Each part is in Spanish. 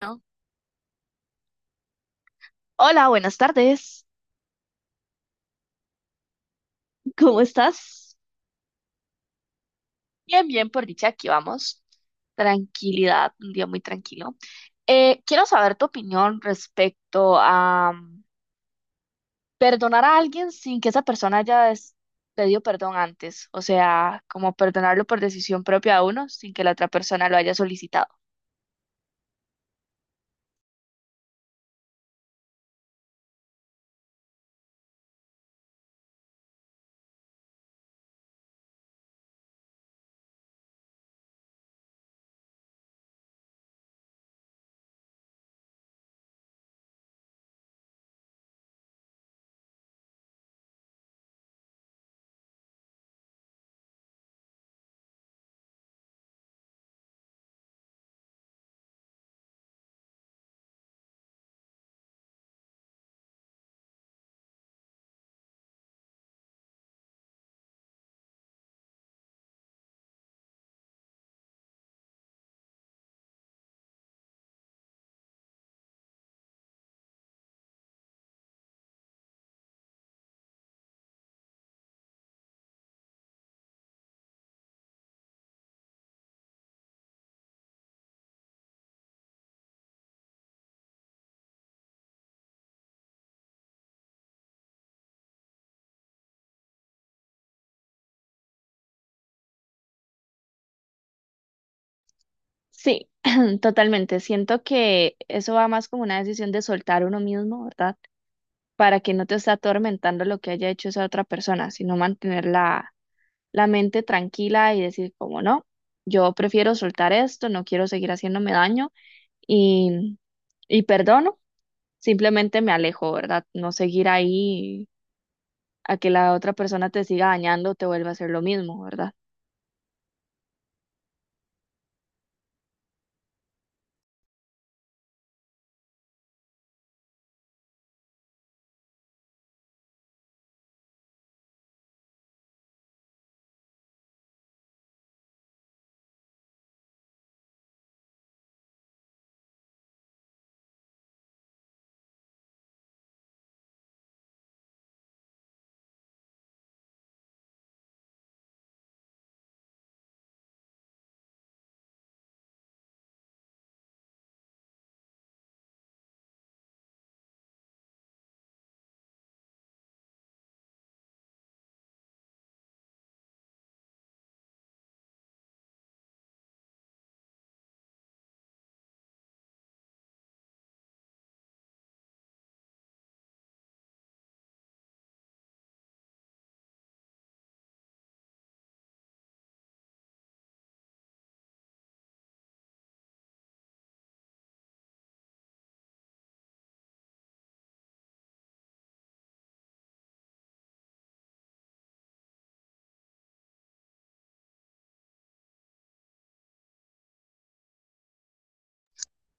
Bueno, hola, buenas tardes. ¿Cómo estás? Bien, bien, por dicha, aquí vamos. Tranquilidad, un día muy tranquilo. Quiero saber tu opinión respecto a perdonar a alguien sin que esa persona haya pedido perdón antes. O sea, como perdonarlo por decisión propia a uno sin que la otra persona lo haya solicitado. Sí, totalmente. Siento que eso va más como una decisión de soltar uno mismo, ¿verdad? Para que no te esté atormentando lo que haya hecho esa otra persona, sino mantener la mente tranquila y decir, como no, yo prefiero soltar esto, no quiero seguir haciéndome daño y, y perdono, simplemente me alejo, ¿verdad? No seguir ahí a que la otra persona te siga dañando, te vuelva a hacer lo mismo, ¿verdad?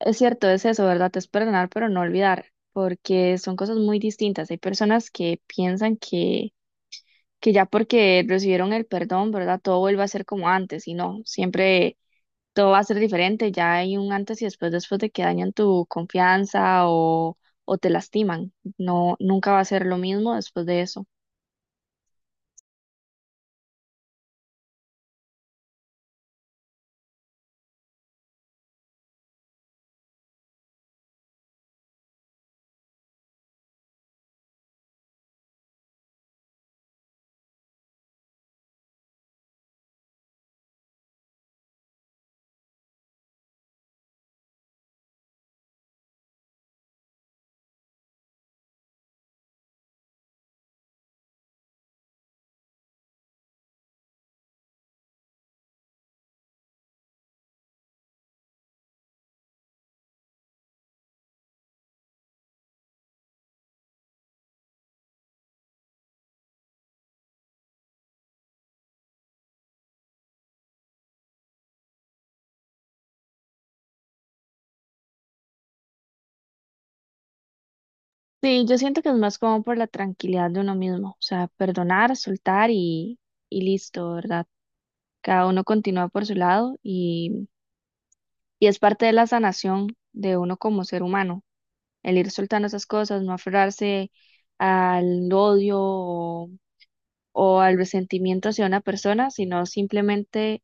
Es cierto, es eso, ¿verdad? Es perdonar, pero no olvidar, porque son cosas muy distintas. Hay personas que piensan que ya porque recibieron el perdón, ¿verdad? Todo vuelve a ser como antes y no, siempre todo va a ser diferente, ya hay un antes y después, después de que dañan tu confianza o te lastiman, no, nunca va a ser lo mismo después de eso. Sí, yo siento que es más como por la tranquilidad de uno mismo, o sea, perdonar, soltar y listo, ¿verdad? Cada uno continúa por su lado y es parte de la sanación de uno como ser humano. El ir soltando esas cosas, no aferrarse al odio o al resentimiento hacia una persona, sino simplemente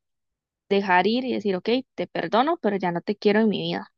dejar ir y decir, ok, te perdono, pero ya no te quiero en mi vida.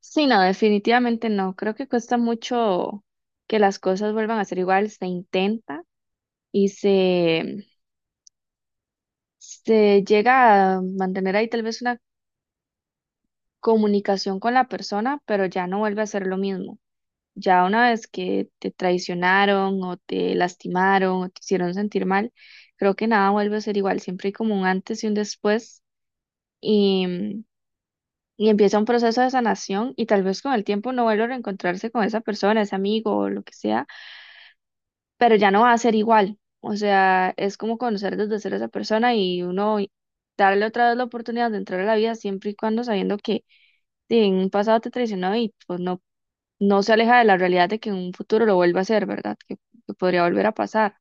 Sí, no, definitivamente no. Creo que cuesta mucho que las cosas vuelvan a ser igual, se intenta y se llega a mantener ahí tal vez una comunicación con la persona, pero ya no vuelve a ser lo mismo. Ya una vez que te traicionaron o te lastimaron o te hicieron sentir mal, creo que nada vuelve a ser igual. Siempre hay como un antes y un después y, y empieza un proceso de sanación y tal vez con el tiempo no vuelva a reencontrarse con esa persona, ese amigo o lo que sea, pero ya no va a ser igual. O sea, es como conocer desde cero a esa persona y uno darle otra vez la oportunidad de entrar a la vida siempre y cuando sabiendo que si en un pasado te traicionó y pues no se aleja de la realidad de que en un futuro lo vuelva a hacer, ¿verdad? Que podría volver a pasar.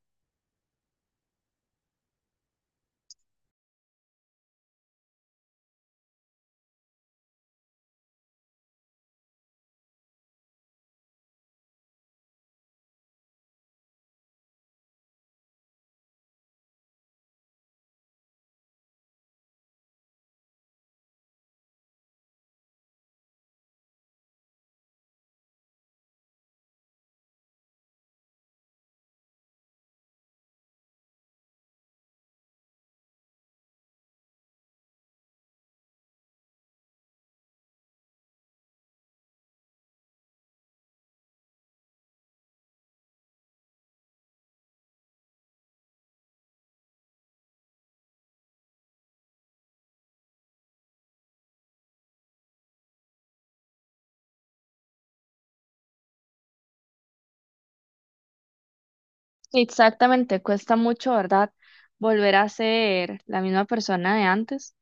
Sí, exactamente, cuesta mucho, ¿verdad? Volver a ser la misma persona de antes,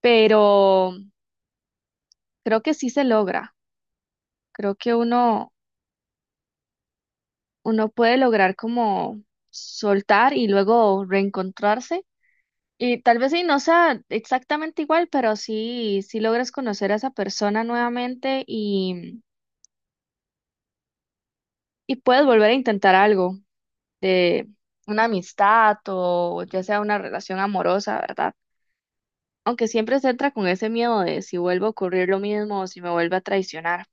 pero creo que sí se logra. Creo que uno puede lograr como soltar y luego reencontrarse. Y tal vez sí no sea exactamente igual, pero sí, sí logras conocer a esa persona nuevamente y puedes volver a intentar algo de una amistad o ya sea una relación amorosa, ¿verdad? Aunque siempre se entra con ese miedo de si vuelve a ocurrir lo mismo o si me vuelve a traicionar.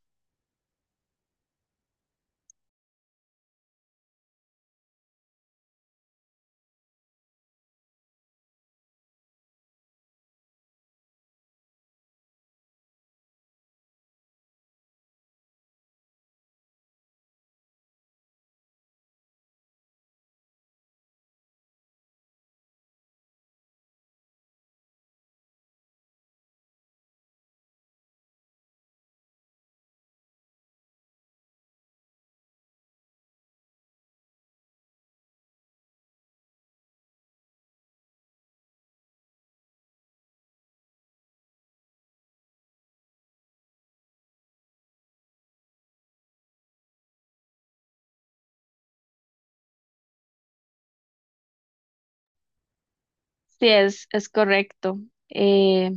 Sí, es correcto. Eh,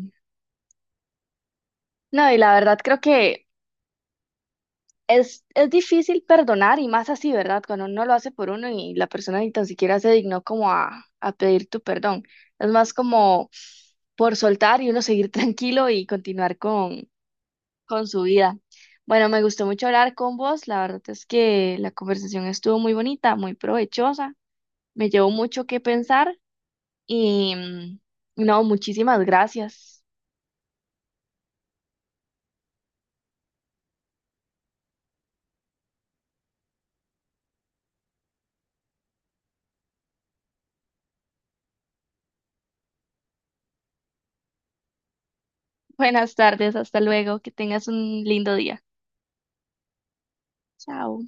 no, y la verdad creo que es difícil perdonar y más así, ¿verdad? Cuando uno lo hace por uno y la persona ni tan siquiera se dignó como a pedir tu perdón. Es más como por soltar y uno seguir tranquilo y continuar con su vida. Bueno, me gustó mucho hablar con vos. La verdad es que la conversación estuvo muy bonita, muy provechosa. Me llevó mucho que pensar y no, muchísimas gracias. Buenas tardes, hasta luego. Que tengas un lindo día. Chao.